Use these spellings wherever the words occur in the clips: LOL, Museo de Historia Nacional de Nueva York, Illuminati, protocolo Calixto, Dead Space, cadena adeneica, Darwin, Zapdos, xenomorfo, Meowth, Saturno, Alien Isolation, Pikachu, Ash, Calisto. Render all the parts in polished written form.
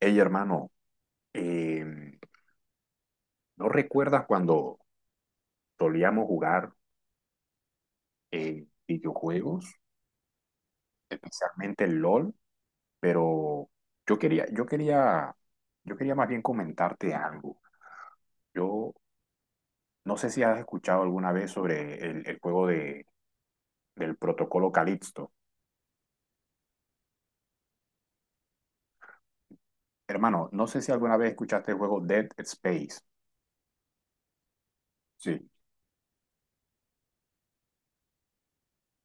Hey, hermano, em, ¿no recuerdas cuando solíamos jugar videojuegos, especialmente el LOL? Pero yo quería, yo quería, yo quería más bien comentarte algo. Yo no sé si has escuchado alguna vez sobre el juego del protocolo Calixto. Hermano, no sé si alguna vez escuchaste el juego Dead Space. Sí.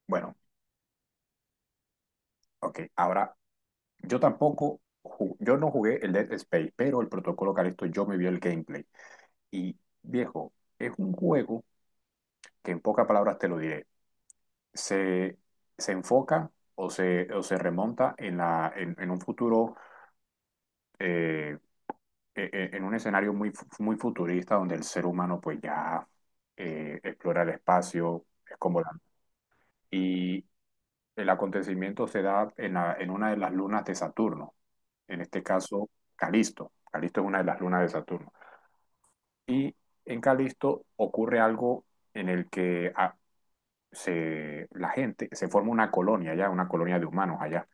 Bueno, ok. Ahora, yo tampoco, yo no jugué el Dead Space, pero el protocolo Calixto, yo me vi el gameplay. Y viejo, es un juego que en pocas palabras te lo diré. Se, se enfoca o se remonta en un futuro, eh, en un escenario muy futurista donde el ser humano pues ya explora el espacio, es como Y el acontecimiento se da en una de las lunas de Saturno, en este caso Calisto. Calisto es una de las lunas de Saturno. Y en Calisto ocurre algo en el que la gente, se forma una colonia allá, una colonia de humanos allá.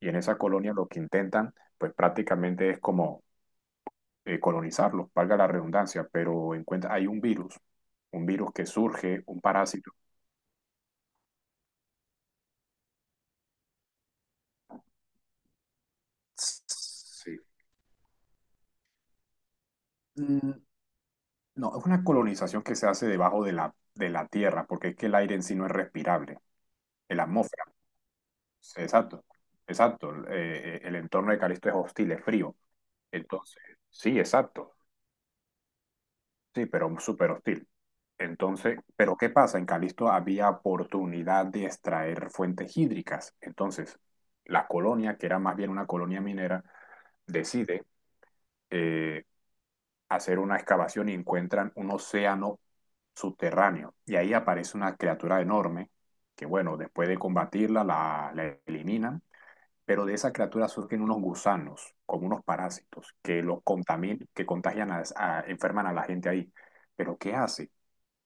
Y en esa colonia lo que intentan, pues prácticamente es como colonizarlos, valga la redundancia, pero encuentra hay un virus que surge, un parásito. Sí. Mm, No, es una colonización que se hace debajo de la tierra, porque es que el aire en sí no es respirable, el atmósfera. Exacto, exacto. El entorno de Calisto es hostil, es frío. Entonces, sí, exacto. Sí, pero súper hostil. Entonces, pero ¿qué pasa? En Calisto había oportunidad de extraer fuentes hídricas. Entonces, la colonia, que era más bien una colonia minera, decide eh, hacer una excavación y encuentran un océano subterráneo. Y ahí aparece una criatura enorme que, bueno, después de combatirla, la eliminan. Pero de esa criatura surgen unos gusanos, como unos parásitos, que contagian a, enferman a la gente ahí. Pero ¿qué hace?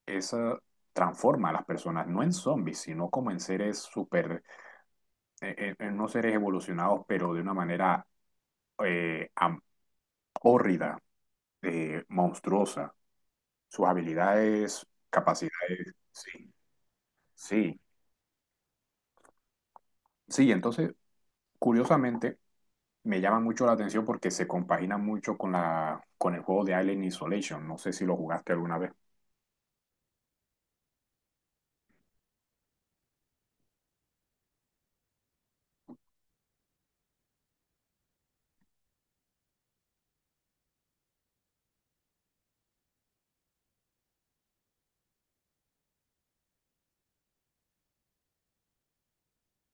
Esa transforma a las personas, no en zombies, sino como en seres super, en unos seres evolucionados, pero de una manera eh, am- hórrida, monstruosa. Sus habilidades, capacidades, sí, sí, sí. Entonces, curiosamente, me llama mucho la atención porque se compagina mucho con con el juego de Alien Isolation. No sé si lo jugaste alguna vez.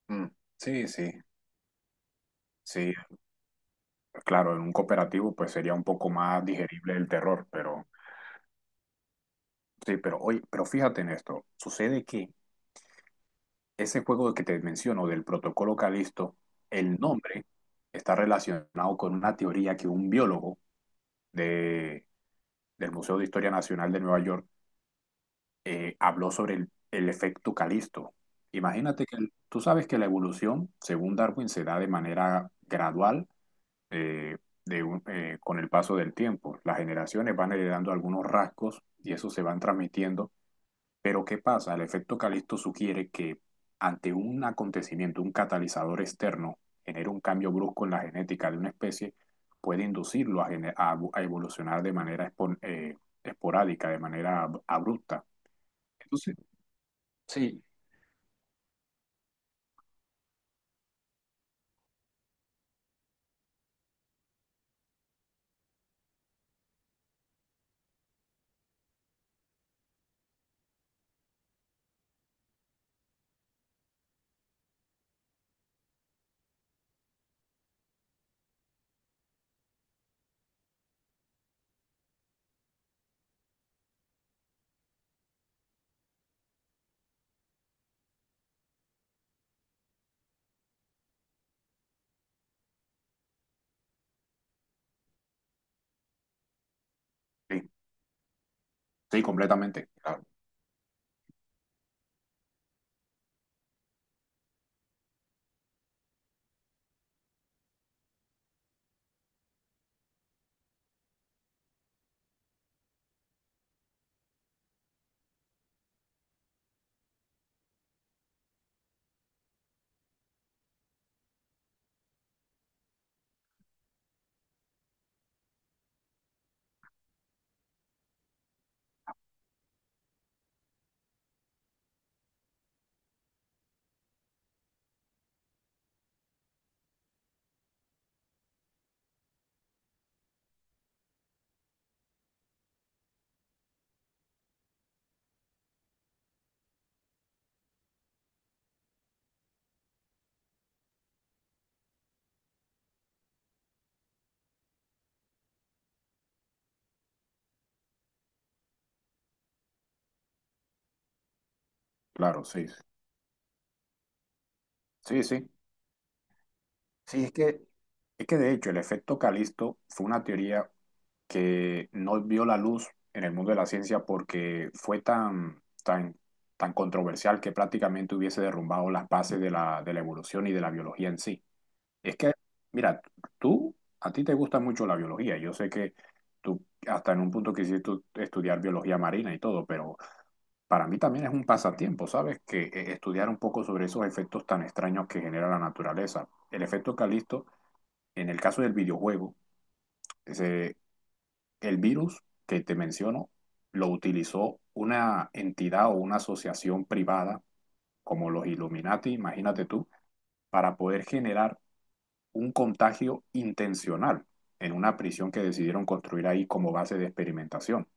Mm. Sí, sí, sí. Claro, en un cooperativo, pues sería un poco más digerible el terror, pero sí, pero oye, pero fíjate en esto. Sucede que ese juego que te menciono del protocolo Calisto, el nombre está relacionado con una teoría que un biólogo de, del Museo de Historia Nacional de Nueva York habló sobre el efecto Calisto. Imagínate que tú sabes que la evolución, según Darwin, se da de manera gradual eh, con el paso del tiempo. Las generaciones van heredando algunos rasgos y eso se van transmitiendo. Pero ¿qué pasa? El efecto Calisto sugiere que ante un acontecimiento, un catalizador externo, genera un cambio brusco en la genética de una especie, puede inducirlo a, gener- a- bu- a evolucionar de manera esporádica, de manera abrupta. Entonces, sí, sí, sí, completamente. Claro, claro, sí. Sí, sí. Sí. Es que de hecho el efecto Calisto fue una teoría que no vio la luz en el mundo de la ciencia porque fue tan, tan, tan controversial que prácticamente hubiese derrumbado las bases de de la evolución y de la biología en sí. Es que, mira, a ti te gusta mucho la biología. Yo sé que tú hasta en un punto quisiste estudiar biología marina y todo, pero para mí también es un pasatiempo, ¿sabes? Que estudiar un poco sobre esos efectos tan extraños que genera la naturaleza. El efecto Calisto en el caso del videojuego, ese- el virus que te menciono lo utilizó una entidad o una asociación privada como los Illuminati, imagínate tú, para poder generar un contagio intencional en una prisión que decidieron construir ahí como base de experimentación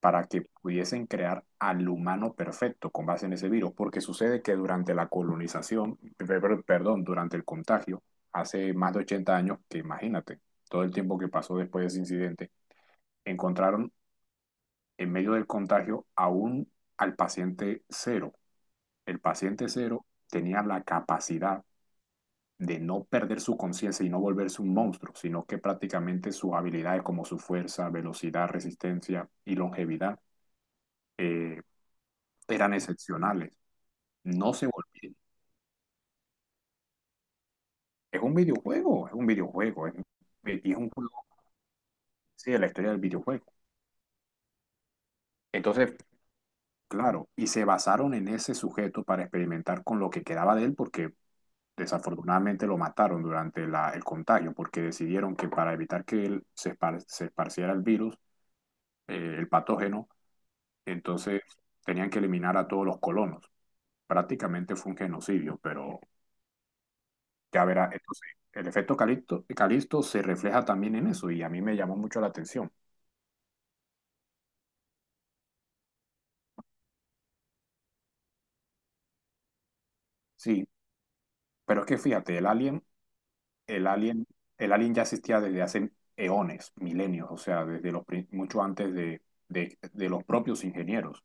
para que pudiesen crear al humano perfecto con base en ese virus, porque sucede que durante la colonización, perdón, durante el contagio, hace más de 80 años, que imagínate, todo el tiempo que pasó después de ese incidente, encontraron en medio del contagio aún al paciente cero. El paciente cero tenía la capacidad de no perder su conciencia y no volverse un monstruo, sino que prácticamente sus habilidades como su fuerza, velocidad, resistencia y longevidad eh, eran excepcionales. No se volvieron. Es un videojuego. Y es un juego, sí, de la historia del videojuego. Entonces, claro, y se basaron en ese sujeto para experimentar con lo que quedaba de él, porque desafortunadamente lo mataron durante el contagio, porque decidieron que para evitar que él se esparciera el virus, el patógeno, entonces tenían que eliminar a todos los colonos. Prácticamente fue un genocidio, pero ya verá, entonces el efecto Calixto. Calixto se refleja también en eso y a mí me llamó mucho la atención. Sí, pero es que fíjate, el alien, el alien ya existía desde hace eones, milenios, o sea, mucho antes de, de los propios ingenieros.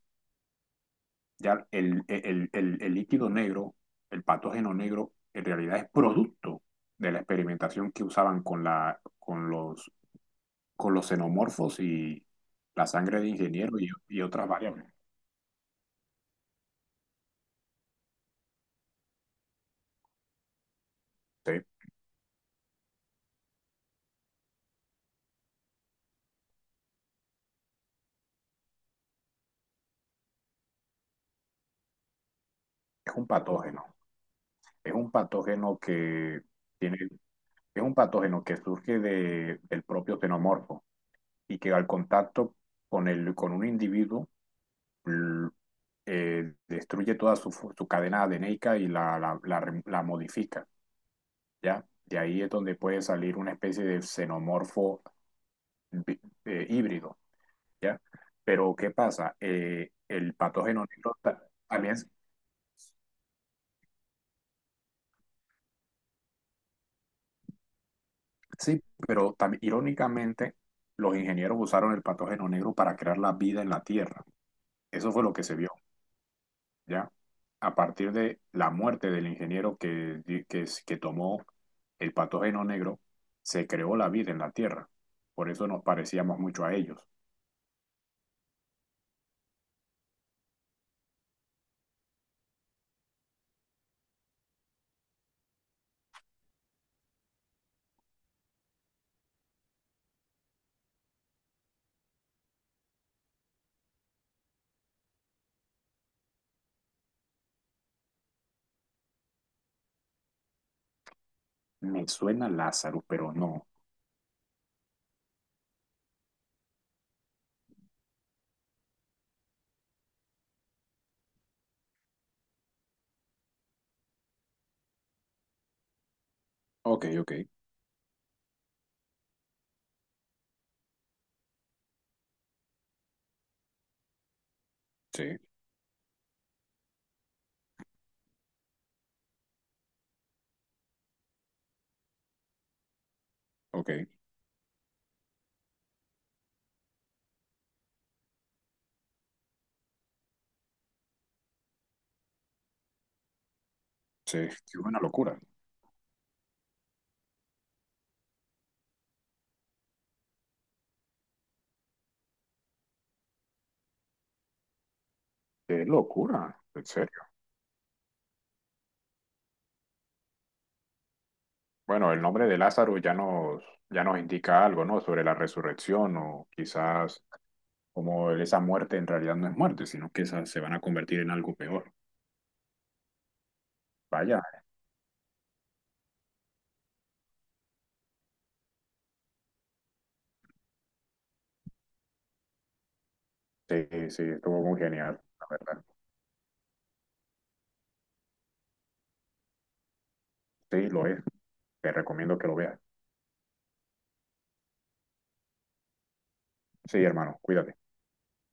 Ya el líquido negro, el patógeno negro, en realidad es producto de la experimentación que usaban con con los xenomorfos y la sangre de ingeniero y otras variables. Sí, es un patógeno. Es un patógeno que tiene, es un patógeno que surge del propio xenomorfo. Y que al contacto con un individuo destruye toda su cadena adeneica y la modifica, ¿ya? De ahí es donde puede salir una especie de xenomorfo híbrido, ¿ya? Pero ¿qué pasa? El patógeno negro también, sí, pero también irónicamente los ingenieros usaron el patógeno negro para crear la vida en la Tierra. Eso fue lo que se vio. ¿Ya? A partir de la muerte del ingeniero que tomó el patógeno negro, se creó la vida en la Tierra. Por eso nos parecíamos mucho a ellos. Me suena Lázaro, pero no. Ok, ok, sí, ok, sí. Qué buena locura. Qué locura, en serio. Bueno, el nombre de Lázaro ya nos indica algo, ¿no? Sobre la resurrección o quizás como esa muerte en realidad no es muerte, sino que se van a convertir en algo peor. Vaya, sí, sí, estuvo muy genial, la verdad. Sí, lo es. Te recomiendo que lo veas. Sí, hermano, cuídate.